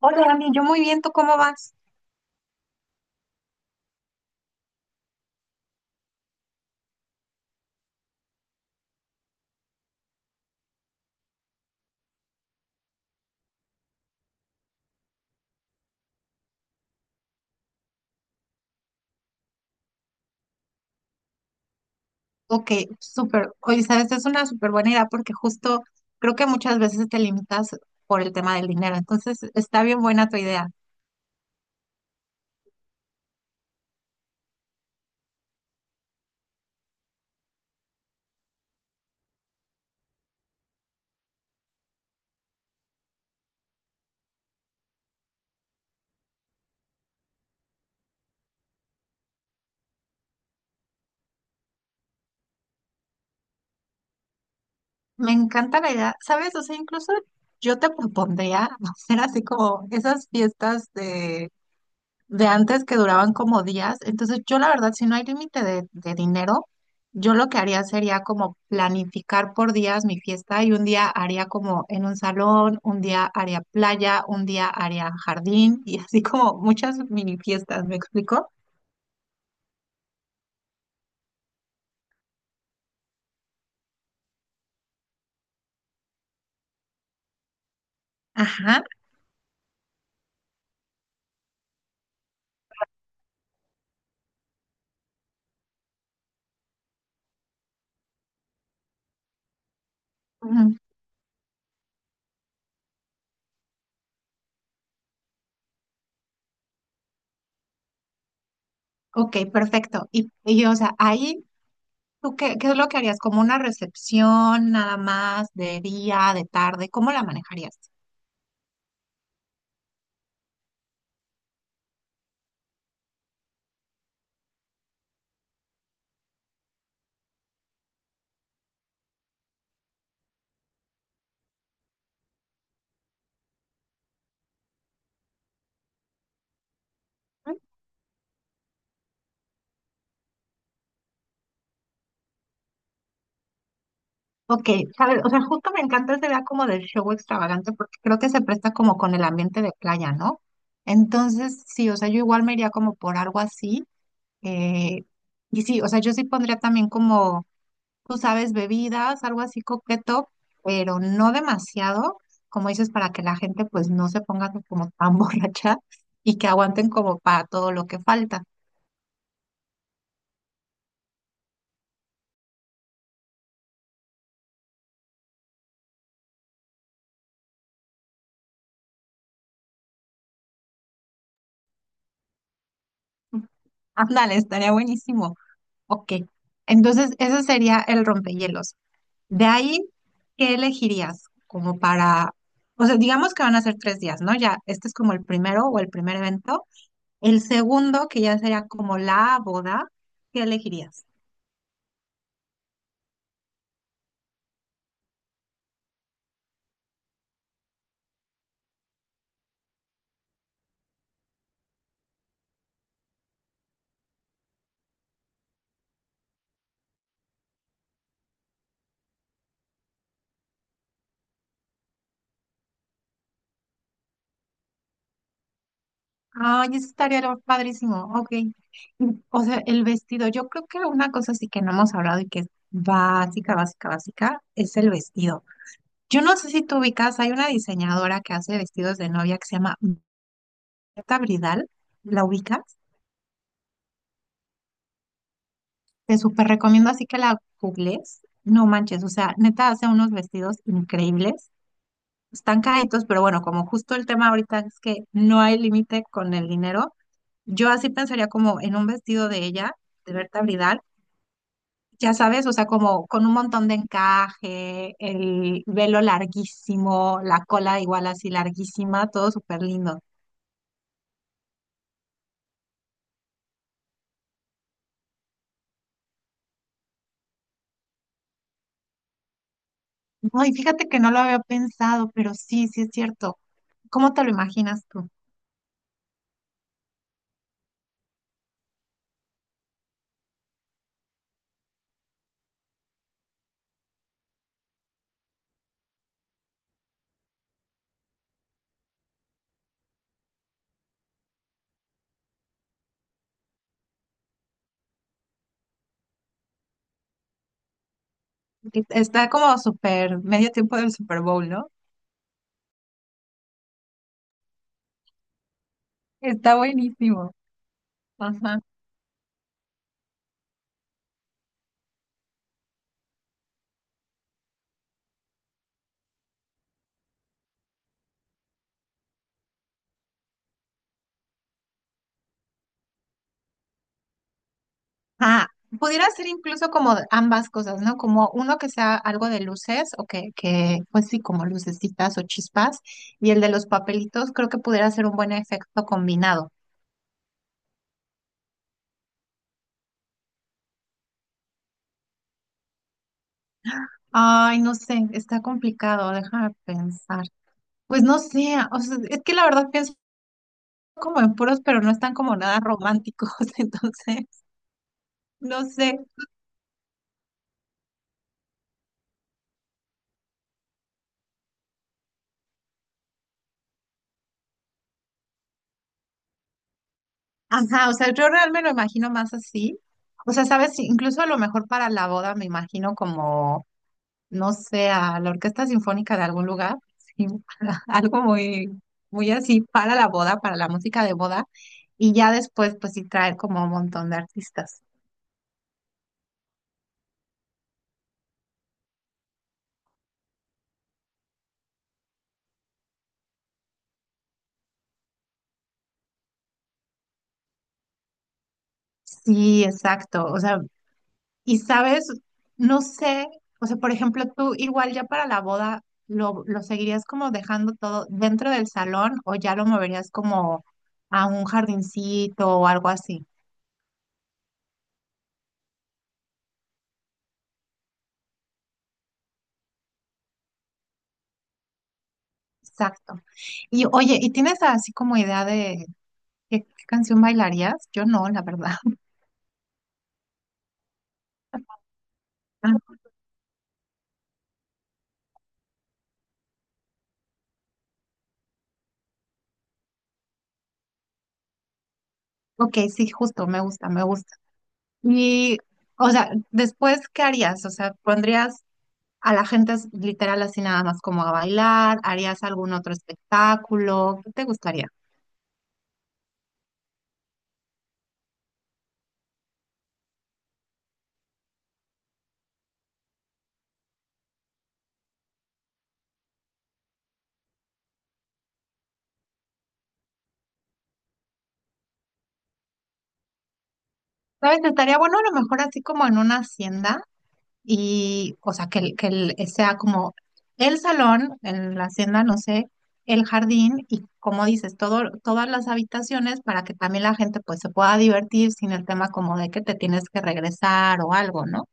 Hola, Dani, yo muy bien, ¿tú cómo vas? Ok, súper. Oye, sabes, es una súper buena idea porque justo creo que muchas veces te limitas por el tema del dinero. Entonces, está bien buena tu idea. Me encanta la idea, ¿sabes? O sea, incluso yo te propondría hacer así como esas fiestas de antes que duraban como días. Entonces, yo la verdad, si no hay límite de dinero, yo lo que haría sería como planificar por días mi fiesta y un día haría como en un salón, un día haría playa, un día haría jardín y así como muchas mini fiestas, ¿me explico? Ajá. Ujú. Ok, perfecto. Y o sea, ahí, ¿tú qué es lo que harías? ¿Como una recepción nada más de día, de tarde? ¿Cómo la manejarías? Ok, ¿sabes? O sea, justo me encanta esa idea como del show extravagante porque creo que se presta como con el ambiente de playa, ¿no? Entonces, sí, o sea, yo igual me iría como por algo así. eh, y sí, o sea, yo sí pondría también como, tú sabes, bebidas, algo así coqueto, pero no demasiado, como dices, para que la gente pues no se ponga como tan borracha y que aguanten como para todo lo que falta. Ándale, estaría buenísimo. Ok, entonces ese sería el rompehielos. De ahí, ¿qué elegirías? Como para, o sea, digamos que van a ser tres días, ¿no? Ya, este es como el primero o el primer evento. El segundo, que ya sería como la boda, ¿qué elegirías? Ay, eso estaría padrísimo, ok. Y, o sea, el vestido, yo creo que una cosa sí que no hemos hablado y que es básica, básica, básica, es el vestido. Yo no sé si tú ubicas, hay una diseñadora que hace vestidos de novia que se llama Marta Bridal, ¿la ubicas? Te súper recomiendo así que la googles. No manches, o sea, neta hace unos vestidos increíbles. Están caritos, pero bueno, como justo el tema ahorita es que no hay límite con el dinero, yo así pensaría como en un vestido de ella, de Berta Bridal, ya sabes, o sea, como con un montón de encaje, el velo larguísimo, la cola igual así larguísima, todo súper lindo. No, y fíjate que no lo había pensado, pero sí, sí es cierto. ¿Cómo te lo imaginas tú? Está como super medio tiempo del Super Bowl, ¿no? Está buenísimo. Ajá. Ah, pudiera ser incluso como de ambas cosas, ¿no? Como uno que sea algo de luces o pues sí, como lucecitas o chispas. Y el de los papelitos creo que pudiera ser un buen efecto combinado. Ay, no sé, está complicado, déjame pensar. Pues no sé, o sea, es que la verdad pienso como en puros, pero no están como nada románticos, entonces, no sé. Ajá, o sea, yo realmente me lo imagino más así. O sea, sabes, sí, incluso a lo mejor para la boda me imagino como, no sé, a la orquesta sinfónica de algún lugar, sí, algo muy, muy así para la boda, para la música de boda, y ya después, pues sí traer como un montón de artistas. Sí, exacto. O sea, y sabes, no sé, o sea, por ejemplo, tú igual ya para la boda, ¿lo seguirías como dejando todo dentro del salón o ya lo moverías como a un jardincito o algo así? Exacto. Y oye, ¿y tienes así como idea de qué canción bailarías? Yo no, la verdad. Ah, ok, sí, justo, me gusta, me gusta. Y, o sea, después, ¿qué harías? O sea, ¿pondrías a la gente literal así nada más como a bailar? ¿Harías algún otro espectáculo? ¿Qué te gustaría? ¿Sabes? Estaría bueno a lo mejor así como en una hacienda y, o sea, que, sea como el salón, en la hacienda, no sé, el jardín y, como dices, todo, todas las habitaciones para que también la gente pues se pueda divertir sin el tema como de que te tienes que regresar o algo, ¿no?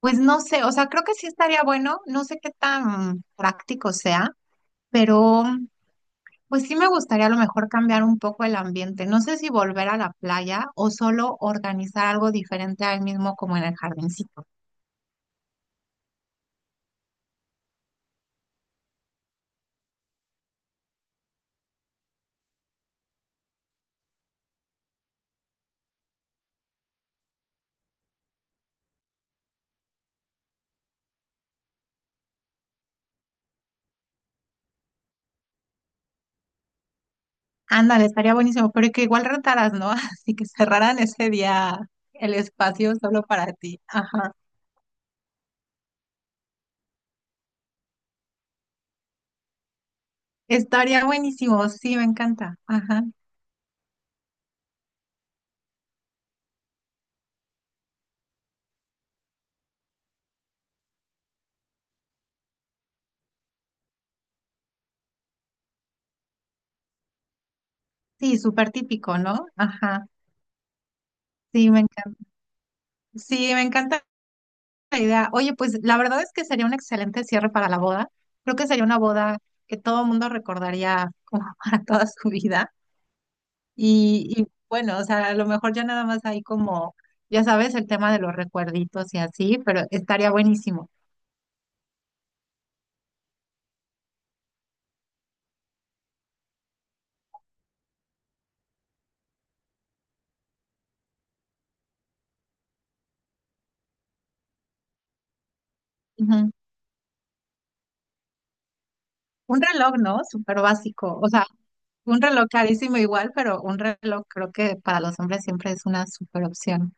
Pues no sé, o sea, creo que sí estaría bueno, no sé qué tan práctico sea, pero... Pues sí me gustaría a lo mejor cambiar un poco el ambiente. No sé si volver a la playa o solo organizar algo diferente al mismo como en el jardincito. Ándale, estaría buenísimo, pero que igual rentaras, ¿no? Así que cerraran ese día el espacio solo para ti. Ajá. Estaría buenísimo, sí, me encanta. Ajá. Sí, súper típico, ¿no? Ajá. Sí, me encanta. Sí, me encanta la idea. Oye, pues la verdad es que sería un excelente cierre para la boda. Creo que sería una boda que todo el mundo recordaría como para toda su vida. Y bueno, o sea, a lo mejor ya nada más hay como, ya sabes, el tema de los recuerditos y así, pero estaría buenísimo. Ujú. Un reloj, ¿no? Súper básico. O sea, un reloj carísimo igual, pero un reloj creo que para los hombres siempre es una súper opción.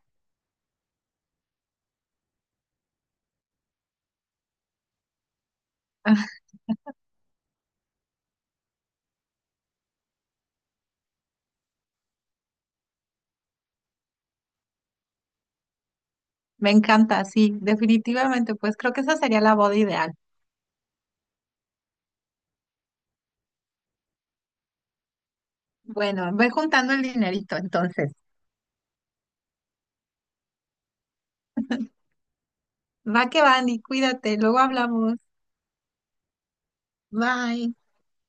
Me encanta, sí, definitivamente. Pues creo que esa sería la boda ideal. Bueno, ve juntando el dinerito entonces. Va que va, Andy, cuídate, luego hablamos. Bye.